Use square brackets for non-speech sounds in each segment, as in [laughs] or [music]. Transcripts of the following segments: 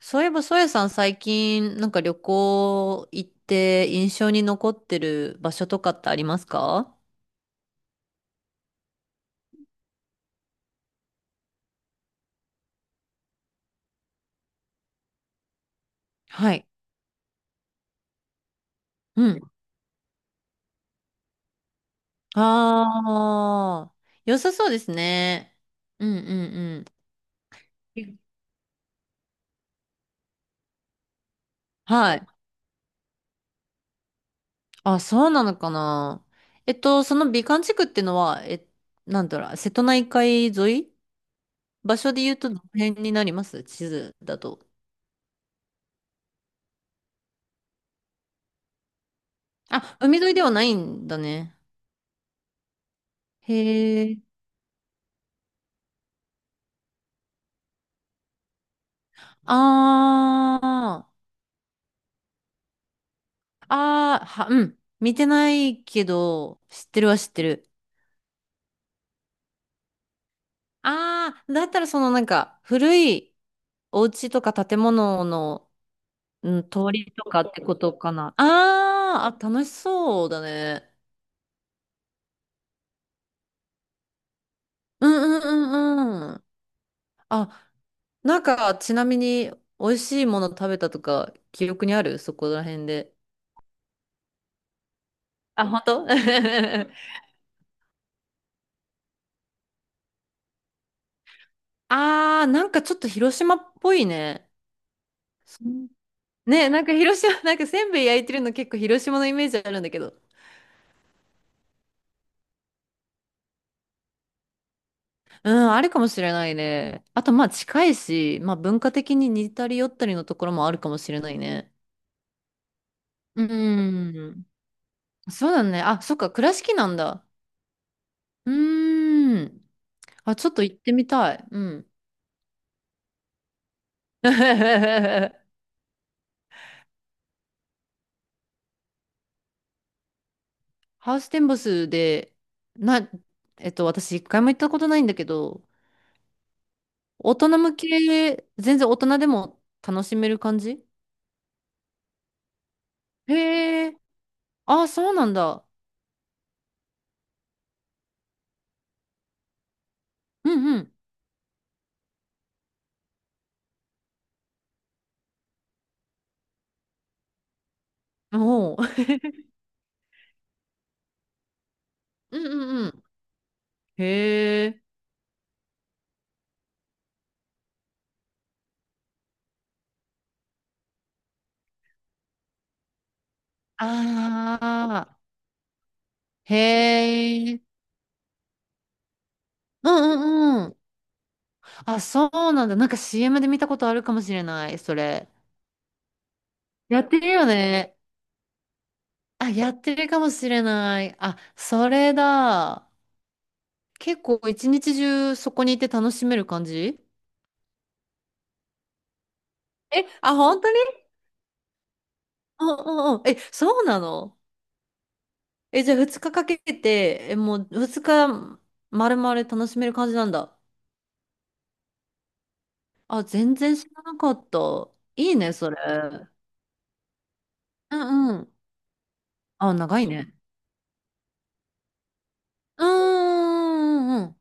そういえば、ソエさん最近旅行行って印象に残ってる場所とかってありますか？はい。うん。ああ、良さそうですね。うんうんうん。はい。あ、そうなのかな。その美観地区ってのは、え、なんだろう、瀬戸内海沿い、場所で言うとどの辺になります？地図だと。あ、海沿いではないんだね。へえ。ああ。うん。見てないけど、知ってるは知ってる。ああ、だったら古いお家とか建物の、うん、通りとかってことかな。あ、楽しそうだね。うんうんうんうん。あ、ちなみに、美味しいもの食べたとか、記憶にあるそこら辺で。あ、本当？ [laughs] ああ、なんかちょっと広島っぽいね。ね、なんか広島、なんかせんべい焼いてるの結構広島のイメージあるんだけど。うん、あるかもしれないね。あと、まあ近いし、まあ文化的に似たり寄ったりのところもあるかもしれないね。うん。そうだね。あ、そっか、倉敷なんだ。うーん。あ、ちょっと行ってみたい。うん。[laughs] ハウステンボスで、な、えっと、私一回も行ったことないんだけど、大人向け、全然大人でも楽しめる感じ？へえ。あ、そうなんだ。うんうん。おう、うんうんうん。へえ。ああ。へえ。うんうんうん。あ、そうなんだ。なんか CM で見たことあるかもしれない、それ。やってるよね。あ、やってるかもしれない。あ、それだ。結構一日中そこにいて楽しめる感じ？え、あ、本当に？うん。え、そうなの？え、じゃあ2日かかけて、え、もう2日丸々楽しめる感じなんだ。あ、全然知らなかった。いいね、それ。うんうん。あ、長いね。うんうんうんうん。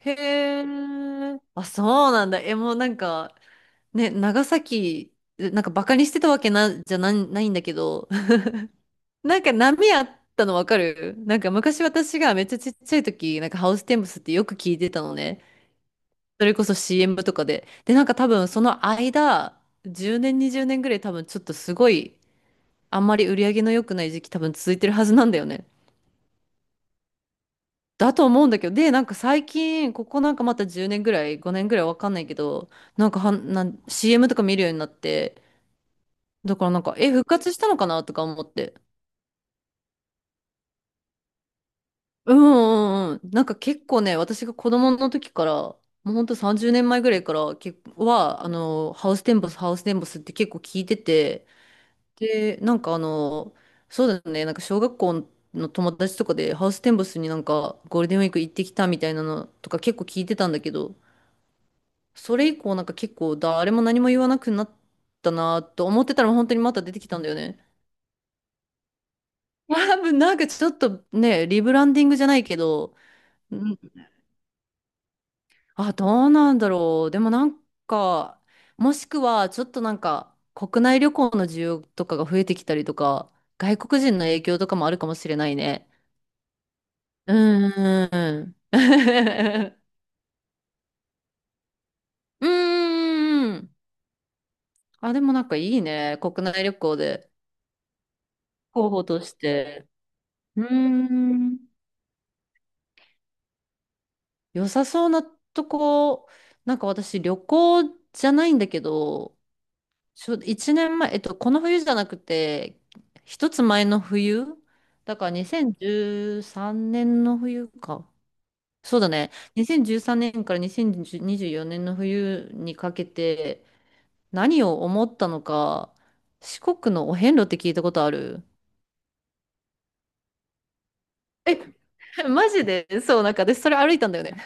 へえ。あ、そうなんだ。え、もうなんか、ね、長崎、バカにしてたわけじゃないんだけど、[laughs] なんか波あったのわかる。なんか昔、私がめっちゃちっちゃい時、なんかハウステンボスってよく聞いてたのね。それこそ CM とかで。で、なんか多分その間、10年、20年ぐらい、多分ちょっとすごい、あんまり売り上げの良くない時期多分続いてるはずなんだよね。だと思うんだけど、で、なんか最近、ここなんかまた10年ぐらい、5年ぐらいわかんないけど、なんかはん、なん CM とか見るようになって、だからなんか、え、復活したのかなとか思って。うんうなんか結構ね、私が子供の時から、もうほんと30年前ぐらいから、あの、ハウステンボスって結構聞いてて、で、なんかあの、そうだね、なんか小学校の友達とかでハウステンボスになんかゴールデンウィーク行ってきたみたいなのとか結構聞いてたんだけど、それ以降なんか結構誰も何も言わなくなったなと思ってたら、本当にまた出てきたんだよね。多分なんかちょっとね、リブランディングじゃないけど、ん、あ、どうなんだろう。でもなんか、もしくはちょっとなんか国内旅行の需要とかが増えてきたりとか、外国人の影響とかもあるかもしれないね。うーん。[laughs] うーん。あ、でもなんかいいね、国内旅行で候補として。うーん。良さそうなとこ、なんか私、旅行じゃないんだけど、ちょ、年前、この冬じゃなくて、一つ前の冬だから2013年の冬か。そうだね。2013年から2024年の冬にかけて、何を思ったのか、四国のお遍路って聞いたことある？え、[laughs] マジで、そう、なんか私それ歩いたんだよね。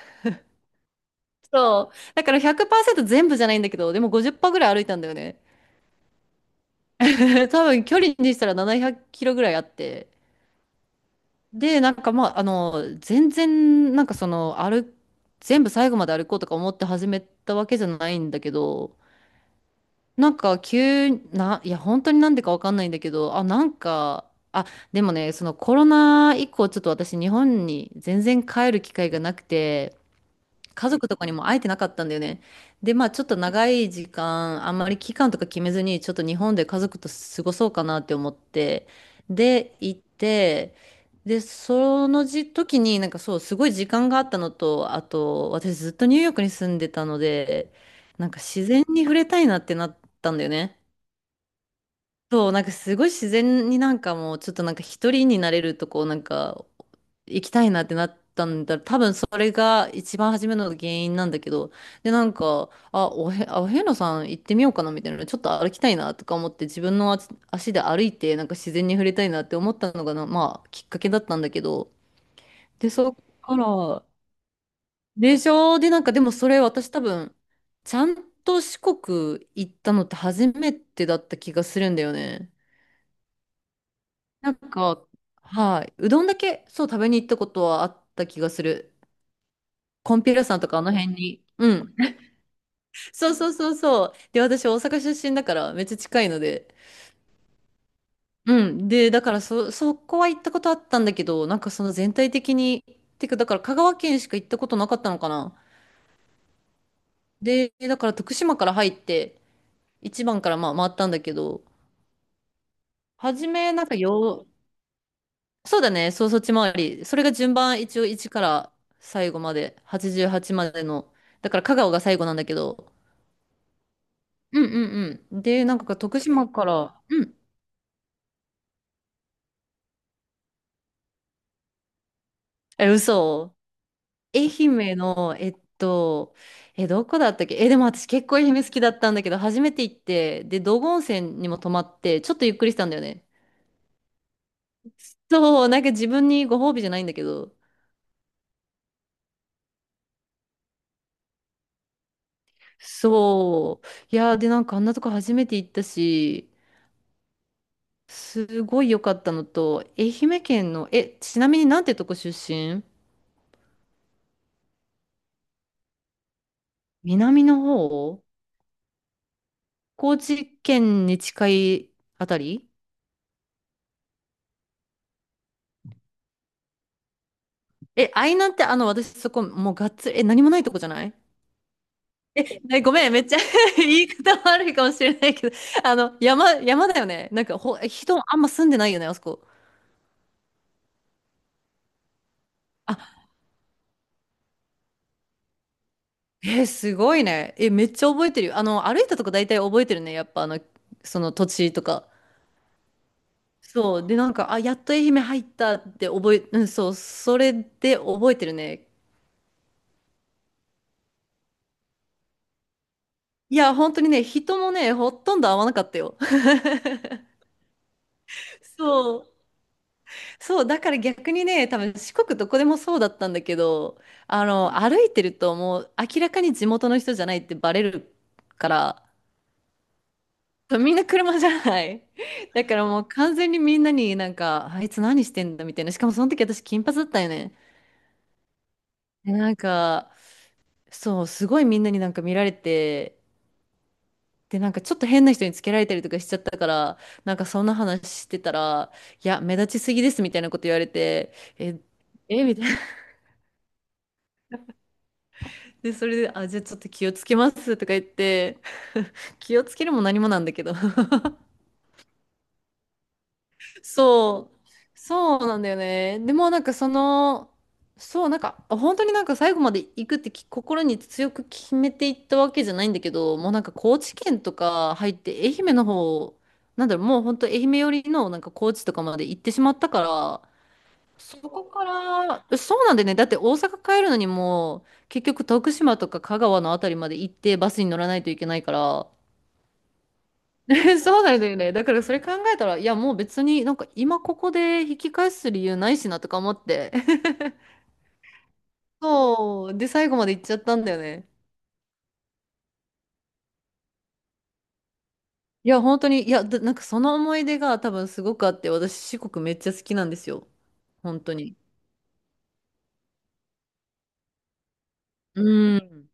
[laughs] そう。だから100%全部じゃないんだけど、でも50%ぐらい歩いたんだよね。[laughs] 多分距離にしたら700キロぐらいあって。で、なんかまあ、あの、全然、なんかその、歩、全部最後まで歩こうとか思って始めたわけじゃないんだけど、なんか急な、いや本当になんでかわかんないんだけど、でもね、そのコロナ以降ちょっと私、日本に全然帰る機会がなくて、家族とかにも会えてなかったんだよね。で、まあちょっと長い時間、あんまり期間とか決めずに、ちょっと日本で家族と過ごそうかなって思って、で、行って、で、その時になんか、そう、すごい時間があったのと、あと、私ずっとニューヨークに住んでたので、なんか自然に触れたいなってなったんだよね。そう、なんかすごい自然に、なんかもうちょっとなんか一人になれるとこなんか行きたいなってなったんだ。多分それが一番初めの原因なんだけど。で、なんか、あ、お遍路さん行ってみようかなみたいな。ちょっと歩きたいなとか思って、自分の足で歩いてなんか自然に触れたいなって思ったのが、まあきっかけだったんだけど。で、そっから、でしょ、で、なんかでもそれ私多分ちゃんと四国行ったのって初めてだった気がするんだよね。なんか、はい。うどんだけ、そう、食べに行ったことはあった気がする。コンピューラさんとかあの辺に。うん。[laughs] そうそうそうそう。で、私、大阪出身だから、めっちゃ近いので。うん。で、だから、そ、そこは行ったことあったんだけど、なんかその全体的に、てか、だから香川県しか行ったことなかったのかな。で、だから徳島から入って、一番からまあ回ったんだけど、初め、なんかよ、そうだね。そう、そっち回り。それが順番、一応1から最後まで、88までの。だから香川が最後なんだけど。うんうで、なんか徳島から、うん。え、嘘。愛媛の、えっと、え、どこだったっけえ、でも私結構愛媛好きだったんだけど、初めて行って、で、道後温泉にも泊まって、ちょっとゆっくりしたんだよね。そう、なんか自分にご褒美じゃないんだけど。そう。いやー、で、なんかあんなとこ初めて行ったし、すごい良かったのと、愛媛県の、え、ちなみになんてとこ出身？南の方、高知県に近いあたり？え、愛南って、あの、私そこ、もうがっつり、え、何もないとこじゃない？え、ごめん、めっちゃ [laughs] 言い方悪いかもしれないけど、あの、山だよね。なんかほ、人あんま住んでないよね、あそこ。あ、えー、すごいね。え、めっちゃ覚えてるよ。あの、歩いたとこ大体覚えてるね。やっぱあの、その土地とか。そう。で、なんか、あ、やっと愛媛入ったってうん、そう。それで覚えてるね。いや、本当にね、人もね、ほとんど会わなかったよ。[laughs] そう。そう。だから逆にね、多分四国どこでもそうだったんだけど、あの、歩いてるともう明らかに地元の人じゃないってバレるから、みんな車じゃない。[laughs] だからもう完全にみんなになんか、あいつ何してんだみたいな。しかもその時私金髪だったよね。でなんか、そう、すごいみんなになんか見られて、で、なんかちょっと変な人につけられたりとかしちゃったから、なんかそんな話してたら、いや、目立ちすぎですみたいなこと言われて、え、え、みたいな。で、それで、あ、じゃあちょっと気をつけますとか言って、[laughs] 気をつけるも何もなんだけど。そう、そうなんだよね。でもなんかその、そう、なんか本当になんか最後まで行くって心に強く決めていったわけじゃないんだけど、もうなんか高知県とか入って愛媛の方、なんだろう、もう本当愛媛寄りのなんか高知とかまで行ってしまったから、そこから、そうなんだよね。だって大阪帰るのにもう結局徳島とか香川のあたりまで行ってバスに乗らないといけないから、[laughs] そうなんだよね。だからそれ考えたら、いやもう別になんか今ここで引き返す理由ないしなとか思って。[laughs] そう。で、最後まで行っちゃったんだよね。いや、本当に、いや、だ、なんかその思い出が多分すごくあって、私四国めっちゃ好きなんですよ。本当に。うん。